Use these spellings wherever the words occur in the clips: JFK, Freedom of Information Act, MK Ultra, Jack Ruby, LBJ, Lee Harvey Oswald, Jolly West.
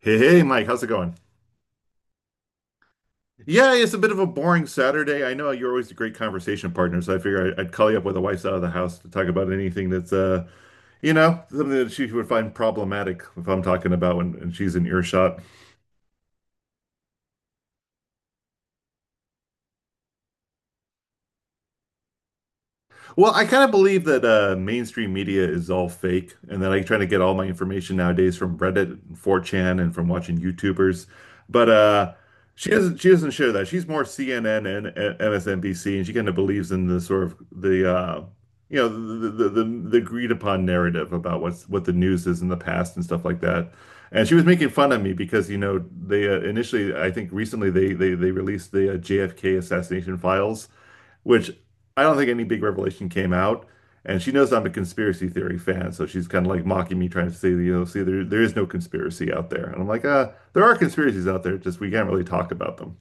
Hey, hey, Mike, how's it going? Yeah, it's a bit of a boring Saturday. I know you're always a great conversation partner, so I figure I'd call you up when the wife's out of the house to talk about anything that's something that she would find problematic if I'm talking about when and she's in earshot. Well, I kind of believe that mainstream media is all fake, and that I try to get all my information nowadays from Reddit and 4chan and from watching YouTubers. But She doesn't share that. She's more CNN and MSNBC, and she kind of believes in the sort of the you know the agreed upon narrative about what the news is in the past and stuff like that. And she was making fun of me because you know they initially I think recently they released the JFK assassination files which I don't think any big revelation came out. And she knows I'm a conspiracy theory fan, so she's kind of like mocking me, trying to say, you know, see, there is no conspiracy out there. And I'm like, there are conspiracies out there, just we can't really talk about them.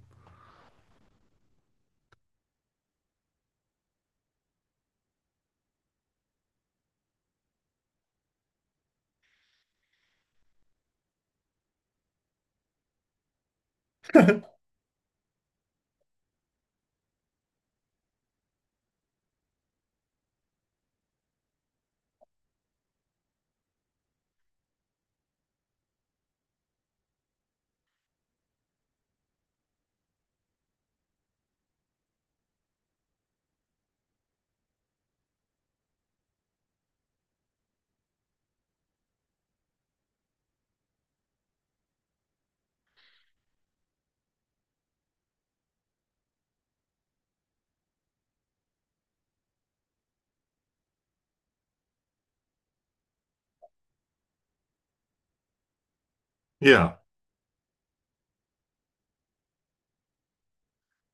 Yeah.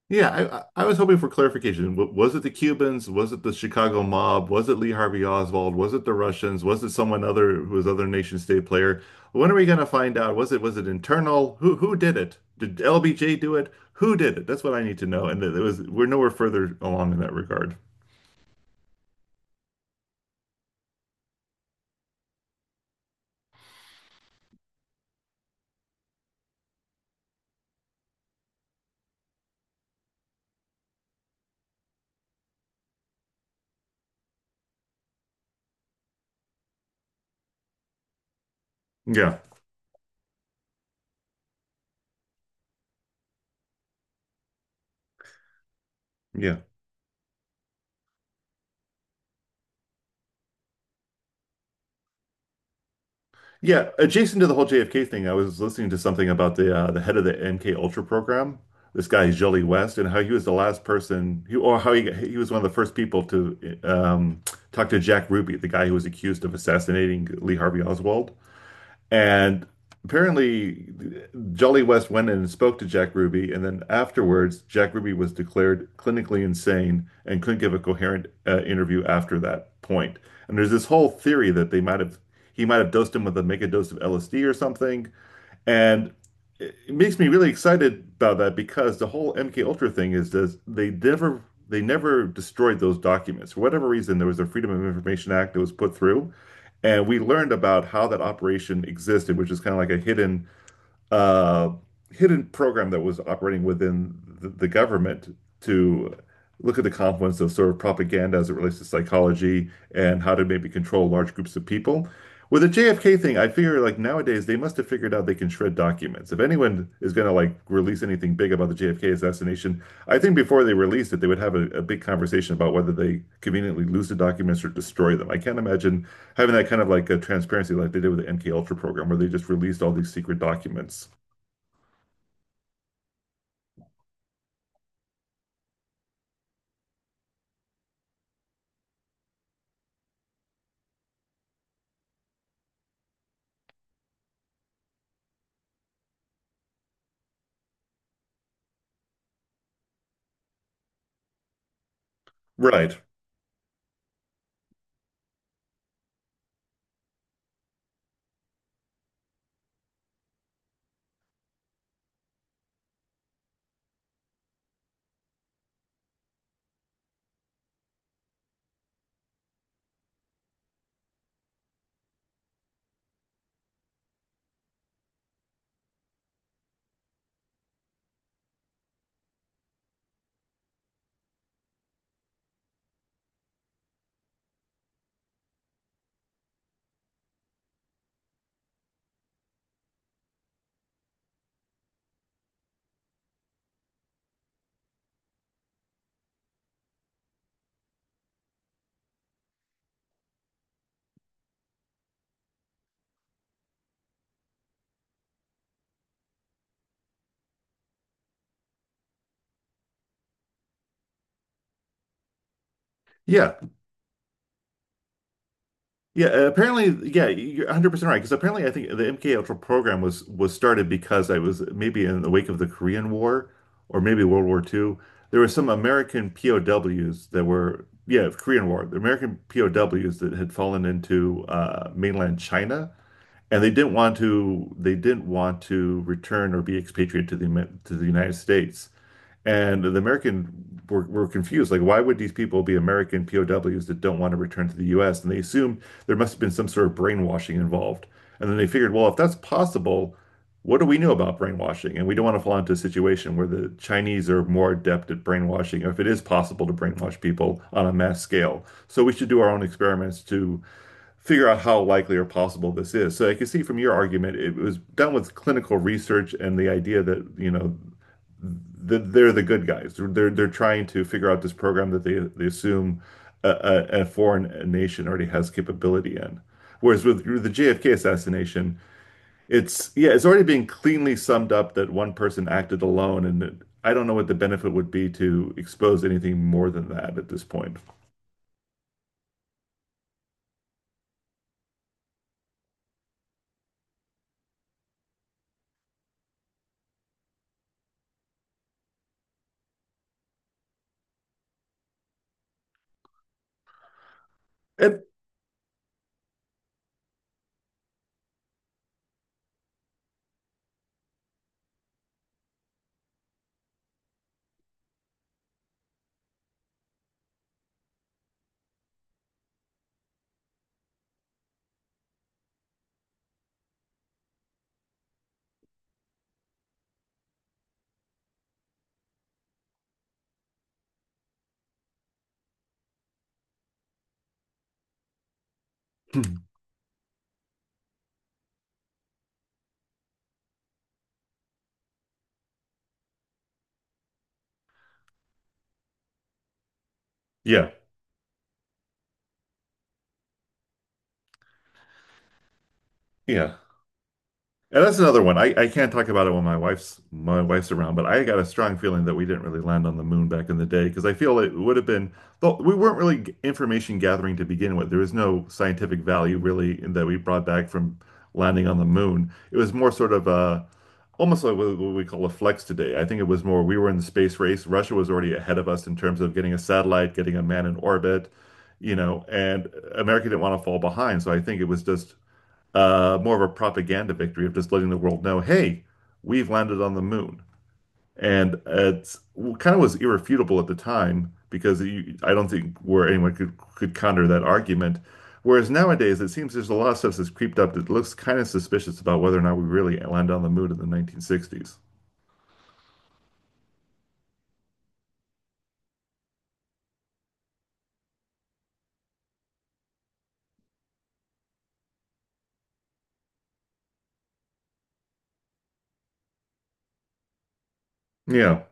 Yeah, I was hoping for clarification. Was it the Cubans? Was it the Chicago mob? Was it Lee Harvey Oswald? Was it the Russians? Was it someone other who was other nation state player? When are we going to find out? Was it internal? Who did it? Did LBJ do it? Who did it? That's what I need to know. And it was we're nowhere further along in that regard. Yeah, yeah, yeah. Adjacent to the whole JFK thing, I was listening to something about the head of the MK Ultra program, this guy Jolly West, and how he was the last person, he, or how he he was one of the first people to talk to Jack Ruby, the guy who was accused of assassinating Lee Harvey Oswald. And apparently, Jolly West went in and spoke to Jack Ruby, and then afterwards, Jack Ruby was declared clinically insane and couldn't give a coherent interview after that point. And there's this whole theory that they might have he might have dosed him with a mega dose of LSD or something, and it makes me really excited about that because the whole MK Ultra thing is this, they never destroyed those documents. For whatever reason, there was a Freedom of Information Act that was put through, and we learned about how that operation existed, which is kind of like a hidden uh, hidden program that was operating within the government to look at the confluence of sort of propaganda as it relates to psychology and how to maybe control large groups of people. With the JFK thing, I figure like nowadays they must have figured out they can shred documents. If anyone is going to like release anything big about the JFK assassination, I think before they released it, they would have a big conversation about whether they conveniently lose the documents or destroy them. I can't imagine having that kind of like a transparency like they did with the MK Ultra program, where they just released all these secret documents. Right. Yeah. Yeah, apparently, yeah, you're 100% right. Because apparently, I think the MK Ultra program was started because I was maybe in the wake of the Korean War or maybe World War II. There were some American POWs that were, yeah, Korean War, the American POWs that had fallen into mainland China, and they didn't want to return or be expatriated to the to the United States. And the American were confused. Like, why would these people be American POWs that don't want to return to the US? And they assumed there must have been some sort of brainwashing involved. And then they figured, well, if that's possible, what do we know about brainwashing? And we don't want to fall into a situation where the Chinese are more adept at brainwashing, or if it is possible to brainwash people on a mass scale. So we should do our own experiments to figure out how likely or possible this is. So I can see from your argument, it was done with clinical research and the idea that, you know, they're the good guys. They're trying to figure out this program that they assume a, foreign nation already has capability in. Whereas with the JFK assassination, it's yeah, it's already being cleanly summed up that one person acted alone, and I don't know what the benefit would be to expose anything more than that at this point. And yeah, yeah. And that's another one. I can't talk about it when my wife's around, but I got a strong feeling that we didn't really land on the moon back in the day because I feel it would have been, though we weren't really information gathering to begin with. There was no scientific value really in- that we brought back from landing on the moon. It was more sort of a, almost like what we call a flex today. I think it was more we were in the space race. Russia was already ahead of us in terms of getting a satellite, getting a man in orbit, you know, and America didn't want to fall behind. So I think it was just more of a propaganda victory of just letting the world know, hey, we've landed on the moon. And it kind of was irrefutable at the time because you, I don't think where anyone could counter that argument. Whereas nowadays, it seems there's a lot of stuff that's creeped up that looks kind of suspicious about whether or not we really landed on the moon in the 1960s. Yeah.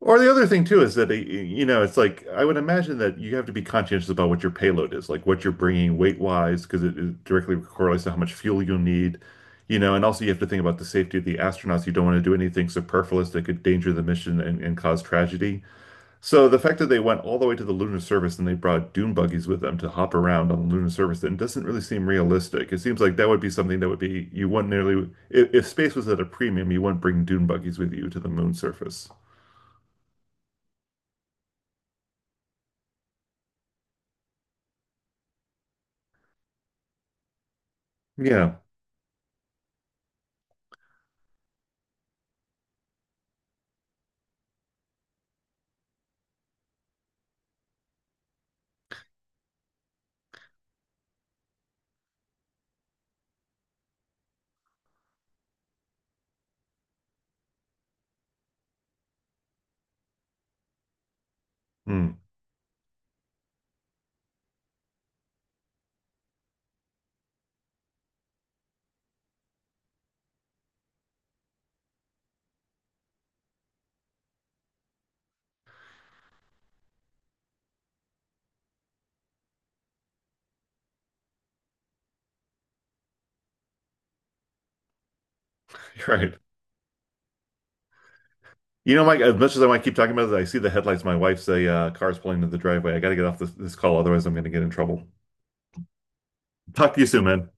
Or the other thing too is that you know it's like I would imagine that you have to be conscientious about what your payload is, like what you're bringing weight wise, because it directly correlates to how much fuel you'll need, you know. And also you have to think about the safety of the astronauts. You don't want to do anything superfluous that could endanger the mission and cause tragedy. So the fact that they went all the way to the lunar surface and they brought dune buggies with them to hop around on the lunar surface, then doesn't really seem realistic. It seems like that would be something that would be you wouldn't nearly if space was at a premium, you wouldn't bring dune buggies with you to the moon surface. Yeah. Mm, right. You know, Mike, as much as I want to keep talking about this, I see the headlights of my wife's car's pulling into the driveway. I got to get off this call, otherwise I'm going to get in trouble. Talk to you soon, man.